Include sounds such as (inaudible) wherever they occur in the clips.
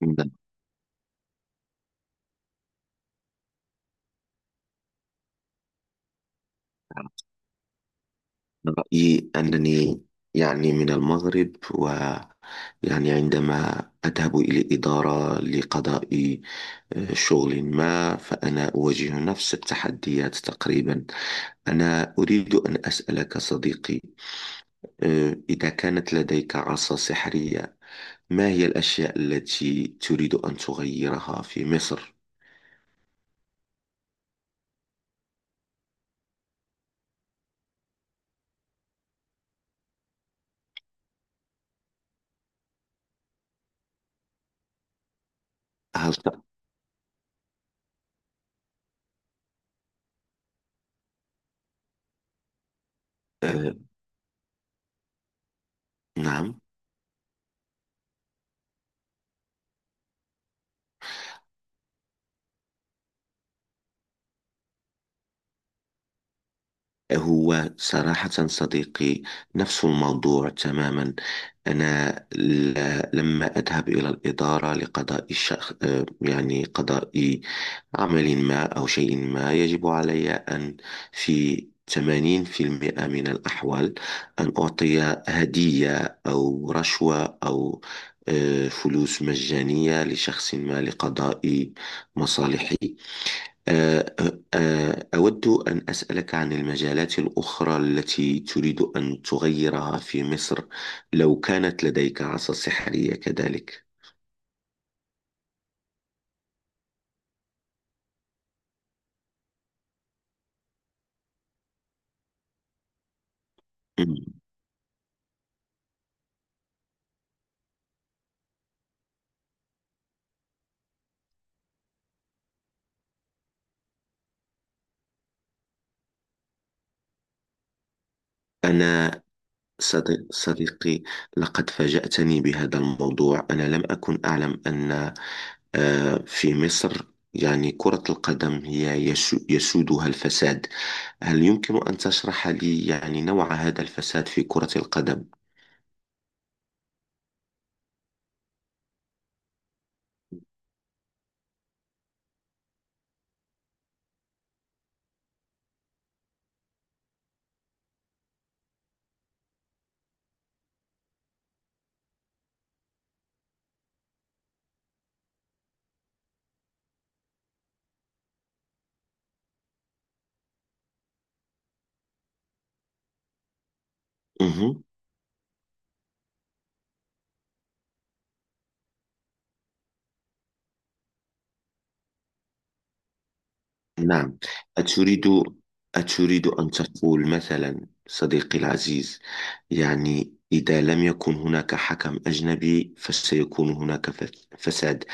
من رأيي أنني يعني من المغرب. ويعني عندما أذهب إلى إدارة لقضاء شغل ما، فأنا أواجه نفس التحديات تقريبا. أنا أريد أن أسألك صديقي، إذا كانت لديك عصا سحرية، ما هي الأشياء التي تريد أن تغيرها في مصر؟ هل ت... آه، نعم. هو صراحة صديقي، نفس الموضوع تماما. أنا لما أذهب إلى الإدارة لقضاء الشخ... آه، يعني قضاء عمل ما أو شيء ما يجب علي أن، في 80% من الأحوال، أن أعطي هدية أو رشوة أو فلوس مجانية لشخص ما لقضاء مصالحي. آه، أود أن أسألك عن المجالات الأخرى التي تريد أن تغيرها في مصر لو كانت لديك عصا سحرية كذلك. مم. أنا صديقي، لقد فاجأتني بهذا الموضوع. أنا لم أكن أعلم أن في مصر يعني كرة القدم هي يسودها الفساد. هل يمكن أن تشرح لي يعني نوع هذا الفساد في كرة القدم؟ مهم. نعم. أتريد أتريد أن تقول مثلا صديقي العزيز، يعني إذا لم يكن هناك حكم أجنبي فسيكون هناك فساد.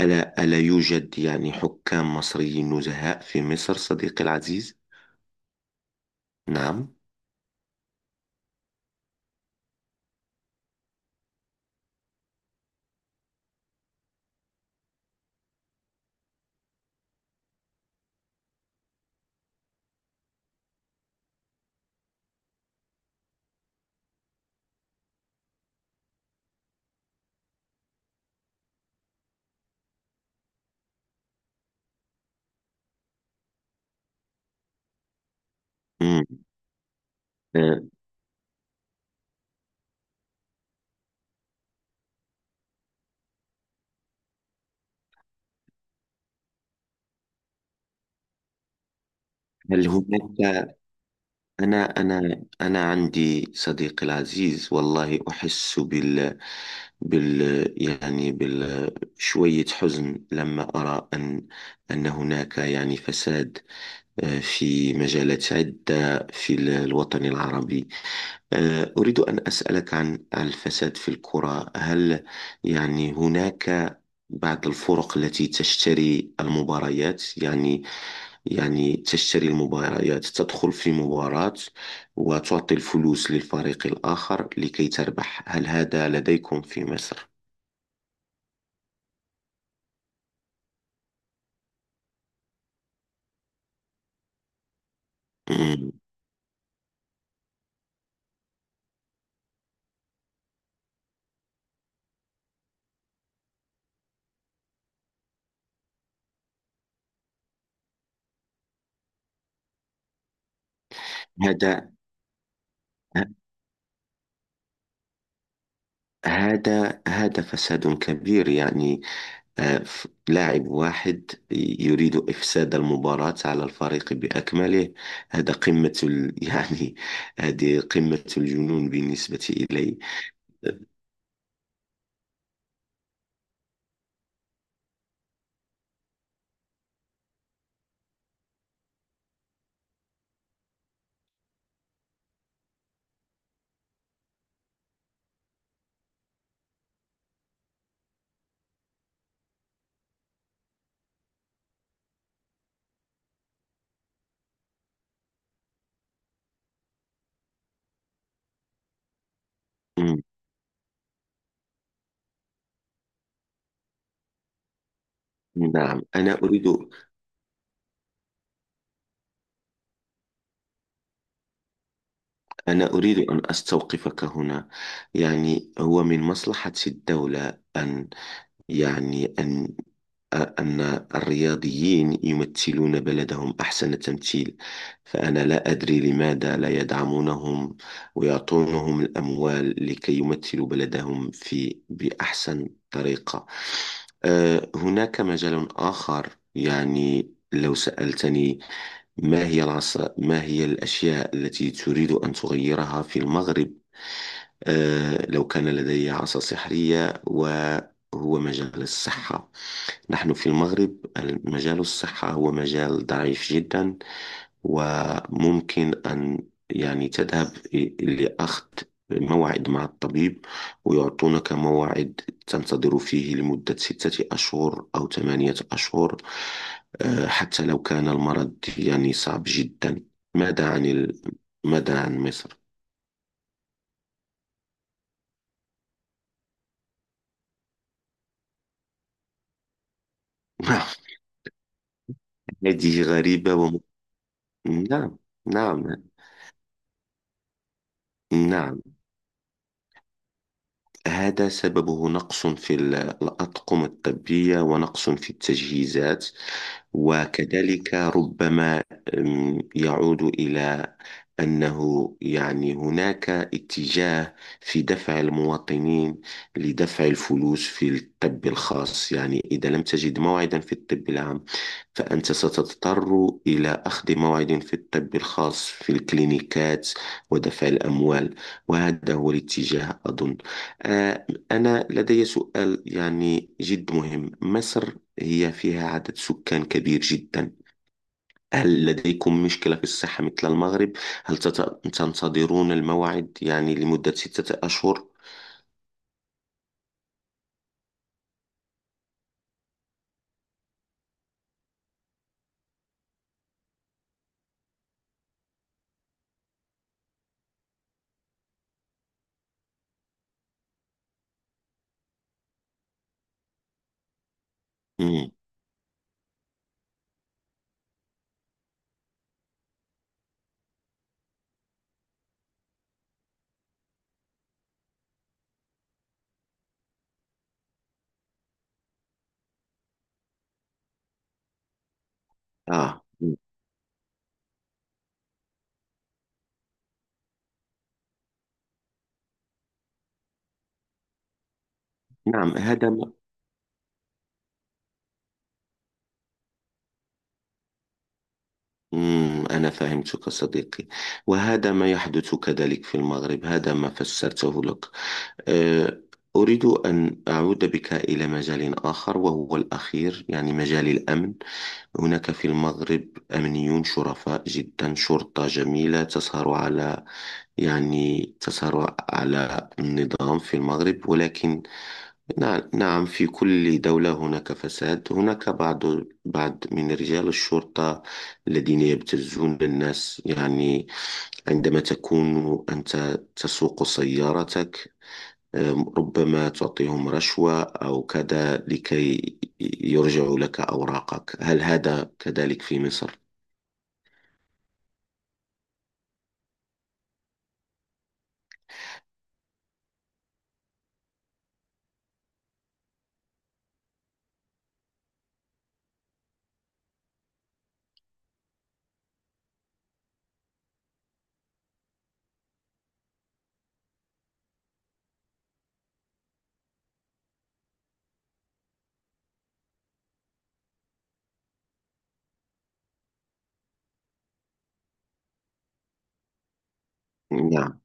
ألا يوجد يعني حكام مصريين نزهاء في مصر صديقي العزيز؟ نعم. مم. آه، هل هناك، أنا عندي صديقي العزيز، والله أحس بال بال شوية حزن لما أرى أن هناك يعني فساد في مجالات عدة في الوطن العربي. أريد أن أسألك عن الفساد في الكرة، هل يعني هناك بعض الفرق التي تشتري المباريات، يعني تشتري المباريات، تدخل في مباراة وتعطي الفلوس للفريق الآخر لكي تربح. هل هذا لديكم في مصر؟ آه، هذا هذا فساد كبير، يعني لاعب واحد يريد إفساد المباراة على الفريق بأكمله. هذا قمة (laughs) يعني هذه قمة الجنون بالنسبة إلي. مم، نعم. أنا أريد أن أستوقفك هنا. يعني هو من مصلحة الدولة أن يعني أن الرياضيين يمثلون بلدهم أحسن تمثيل. فأنا لا أدري لماذا لا يدعمونهم ويعطونهم الأموال لكي يمثلوا بلدهم بأحسن طريقة. هناك مجال آخر، يعني لو سألتني، ما هي الأشياء التي تريد أن تغيرها في المغرب لو كان لدي عصا سحرية، وهو مجال الصحة. نحن في المغرب مجال الصحة هو مجال ضعيف جدا، وممكن أن يعني تذهب لأخذ موعد مع الطبيب، ويعطونك موعد تنتظر فيه لمدة ستة أشهر أو ثمانية أشهر، حتى لو كان المرض يعني صعب جدا. ماذا عن ال... ماذا عن مصر؟ (laughs) هذه غريبة. نعم، نعم، نعم. هذا سببه نقص في الأطقم الطبية ونقص في التجهيزات، وكذلك ربما يعود إلى أنه يعني هناك اتجاه في دفع المواطنين لدفع الفلوس في الطب الخاص. يعني إذا لم تجد موعدا في الطب العام فأنت ستضطر إلى أخذ موعد في الطب الخاص في الكلينيكات ودفع الأموال. وهذا هو الاتجاه أظن. آه، أنا لدي سؤال يعني جد مهم. مصر هي فيها عدد سكان كبير جدا، هل لديكم مشكلة في الصحة مثل المغرب؟ هل تنتظرون الموعد يعني لمدة ستة أشهر؟ مم. آه، مم. نعم، هذا ما... مم. أنا فهمتك صديقي. وهذا ما يحدث كذلك في المغرب، هذا ما فسرته لك. آه، أريد أن أعود بك إلى مجال آخر وهو الأخير، يعني مجال الأمن. هناك في المغرب أمنيون شرفاء جدا، شرطة جميلة تسهر على، يعني تسهر على النظام في المغرب، ولكن نعم، في كل دولة هناك فساد. هناك بعض، بعض من رجال الشرطة الذين يبتزون الناس، يعني عندما تكون أنت تسوق سيارتك ربما تعطيهم رشوة أو كذا لكي يرجعوا لك أوراقك. هل هذا كذلك في مصر؟ نعم.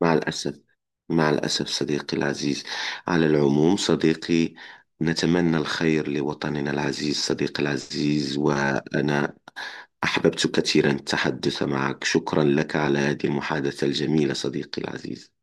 مع الأسف، مع الأسف صديقي العزيز. على العموم صديقي، نتمنى الخير لوطننا العزيز صديقي العزيز. وأنا أحببت كثيرا التحدث معك. شكرا لك على هذه المحادثة الجميلة صديقي العزيز.